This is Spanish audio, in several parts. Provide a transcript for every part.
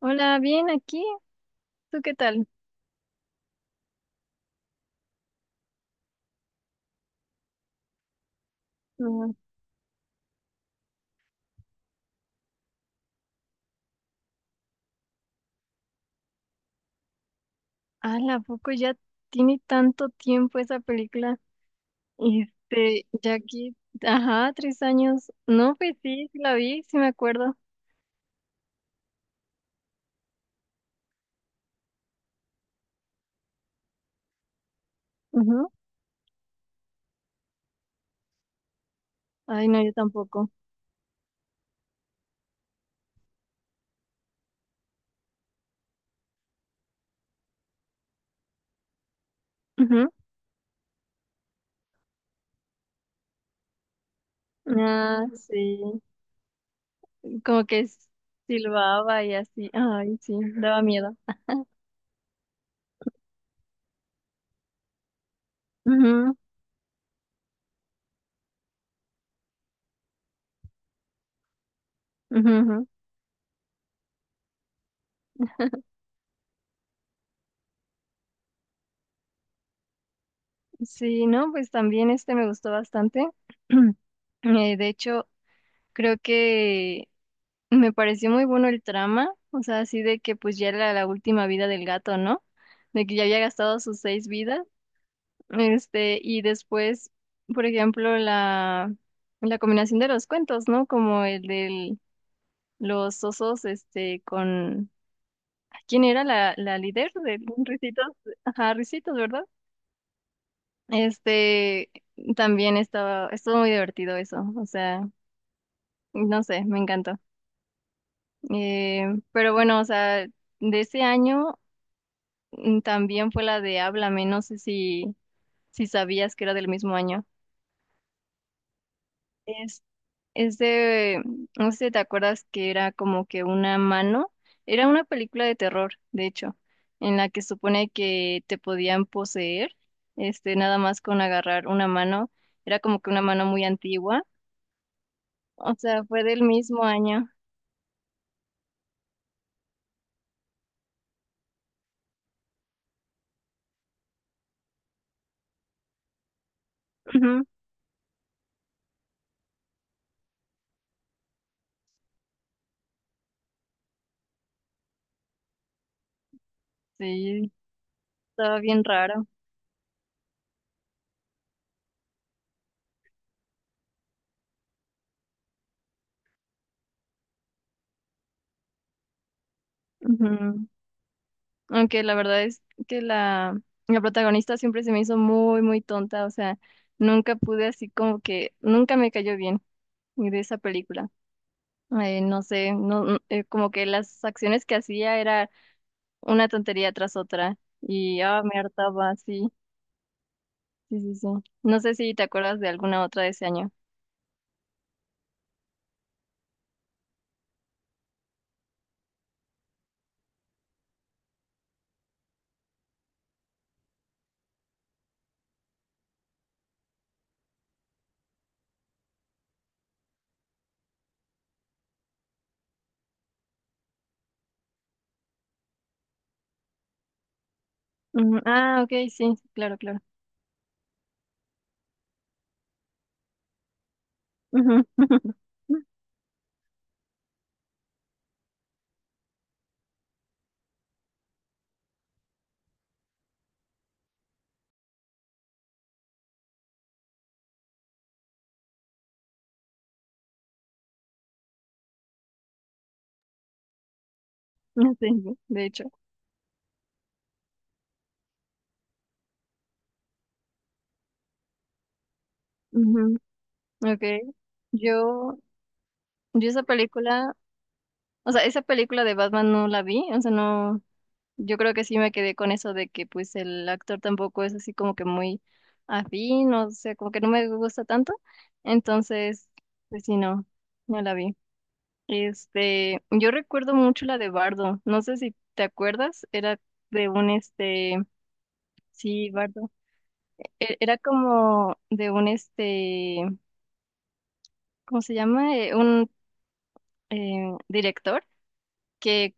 Hola, bien aquí. ¿Tú qué tal? Mm, ala, ¿a poco ya tiene tanto tiempo esa película? Este, ya aquí, ajá, 3 años. No, pues sí, sí la vi, sí me acuerdo. Ujú. Ay, no, yo tampoco. Ujú. Ah, sí, como que silbaba y así. Ay, sí, daba miedo. Ujú, ujú, ujú. Sí, no, pues también este me gustó bastante. De hecho, creo que me pareció muy bueno el trama, o sea, así de que pues ya era la última vida del gato, ¿no? De que ya había gastado sus seis vidas, este, y después, por ejemplo, la combinación de los cuentos, ¿no? Como el de los osos, este, con, ¿quién era la líder de Risitos? Ajá, Risitos, ¿verdad? Este, también estaba, estuvo muy divertido eso, o sea, no sé, me encantó. Eh, pero bueno, o sea, de ese año. También fue la de Háblame, no sé si sabías que era del mismo año. Es, es de, no sé si te acuerdas que era como que una mano, era una película de terror, de hecho, en la que supone que te podían poseer, este, nada más con agarrar una mano, era como que una mano muy antigua, o sea, fue del mismo año. Ujú. Sí, estaba bien raro. Ujú. Aunque la verdad es que la protagonista siempre se me hizo muy, muy tonta, o sea, nunca pude así como que, nunca me cayó bien de esa película. No sé, no, no, como que las acciones que hacía era una tontería tras otra y ah, me hartaba, sí, sí, sí, sí. No sé si te acuerdas de alguna otra de ese año. Ujú, ah, ok, sí, claro, claro. Ujú. Sí, de hecho. Ujú, ok. Yo, yo esa película... O sea, esa película de Batman no la vi, o sea, no, yo creo que sí me quedé con eso de que pues el actor tampoco es así como que muy afín, o sea, como que no me gusta tanto, entonces, pues sí, no, no la vi. Este, yo recuerdo mucho la de Bardo, no sé si te acuerdas, era de un este, sí, Bardo, era como de un este, ¿cómo se llama? Un director que...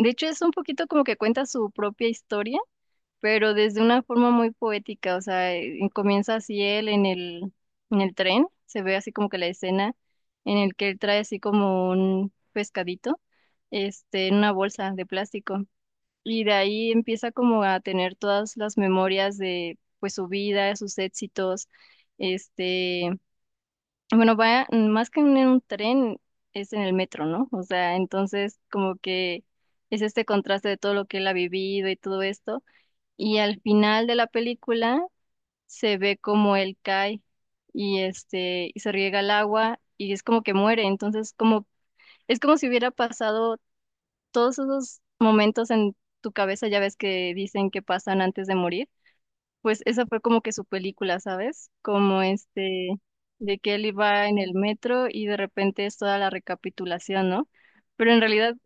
De hecho, es un poquito como que cuenta su propia historia pero desde una forma muy poética, o sea, comienza así él en el tren, se ve así como que la escena en el que él trae así como un pescadito, este, en una bolsa de plástico, y de ahí empieza como a tener todas las memorias de, pues, su vida, sus éxitos, este, bueno, va más que en un tren, es en el metro, ¿no? O sea, entonces como que es este contraste de todo lo que él ha vivido y todo esto y al final de la película se ve como él cae y este y se riega el agua y es como que muere. Entonces, como es como si hubiera pasado todos esos momentos en tu cabeza, ya ves que dicen que pasan antes de morir. Pues esa fue como que su película, ¿sabes? Como este de que él iba en el metro y de repente es toda la recapitulación, ¿no? Pero en realidad,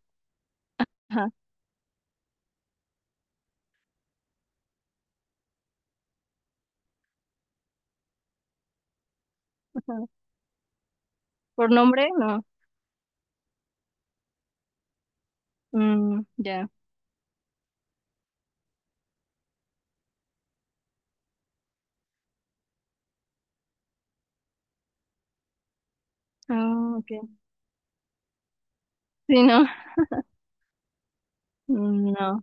ajá, ajá, por nombre, no. Mm, ya. Ah, ok. Sí, no. Mm, no.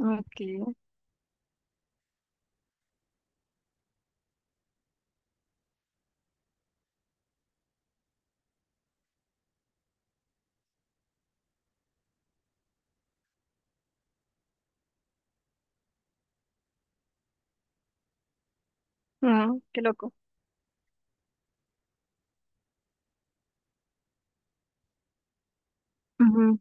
Okay, qué loco. Ujú.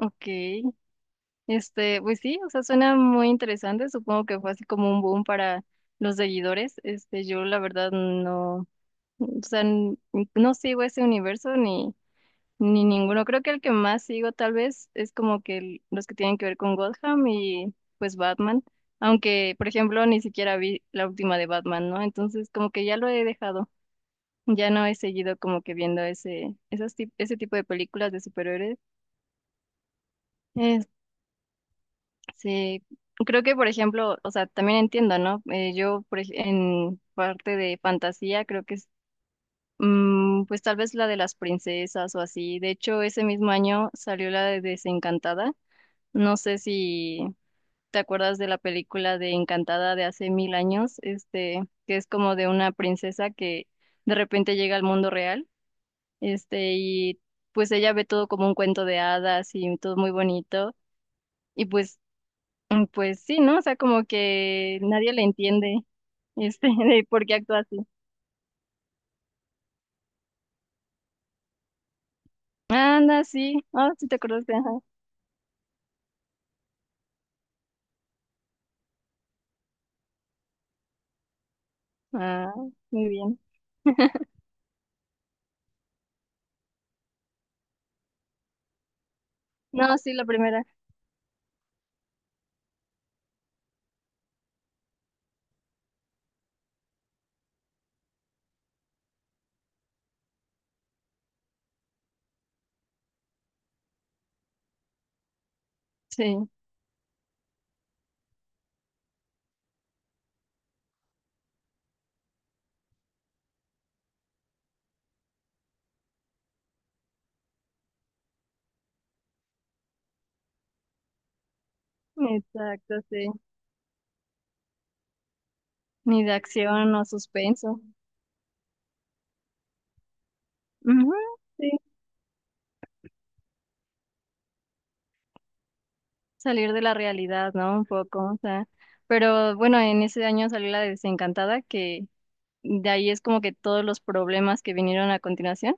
Okay, este, pues sí, o sea, suena muy interesante. Supongo que fue así como un boom para los seguidores. Este, yo la verdad no, o sea, no sigo ese universo ni ninguno. Creo que el que más sigo tal vez es como que los que tienen que ver con Gotham y pues Batman. Aunque, por ejemplo, ni siquiera vi la última de Batman, ¿no? Entonces, como que ya lo he dejado. Ya no he seguido como que viendo ese tipo de películas de superhéroes. Eh, sí, creo que por ejemplo, o sea, también entiendo, ¿no? Yo en parte de fantasía creo que es, pues tal vez la de las princesas o así. De hecho, ese mismo año salió la de Desencantada. No sé si te acuerdas de la película de Encantada de hace mil años, este, que es como de una princesa que de repente llega al mundo real, este, y pues ella ve todo como un cuento de hadas y todo muy bonito. Y pues. Pues sí, ¿no? O sea, como que nadie le entiende, este, de por qué actúa así. Anda, sí. Ah, sí te acordaste, ajá. Ah, muy bien. No, sí, la primera. Sí, exacto, sí. Ni de acción o suspenso. Ujú, sí. Salir de la realidad, ¿no? Un poco, o sea. Pero bueno, en ese año salió la de Desencantada, que de ahí es como que todos los problemas que vinieron a continuación.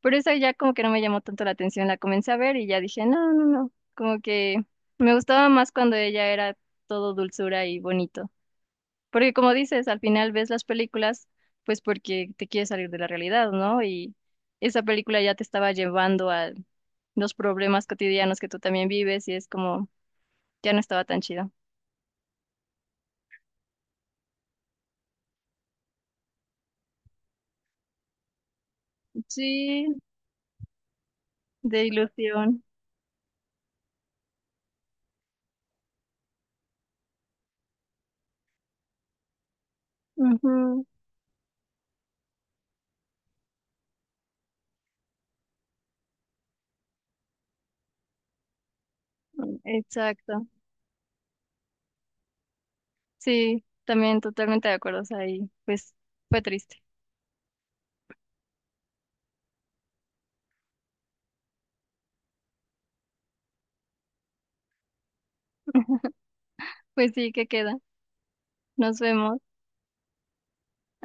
Pero esa ya como que no me llamó tanto la atención, la comencé a ver y ya dije, no, no, no, como que me gustaba más cuando ella era todo dulzura y bonito. Porque como dices, al final ves las películas, pues porque te quieres salir de la realidad, ¿no? Y esa película ya te estaba llevando a los problemas cotidianos que tú también vives y es como, ya no estaba tan chido. Sí, de ilusión. Ujú, exacto. Sí, también totalmente de acuerdo, o sea, y pues fue triste. Pues sí, ¿qué queda? Nos vemos.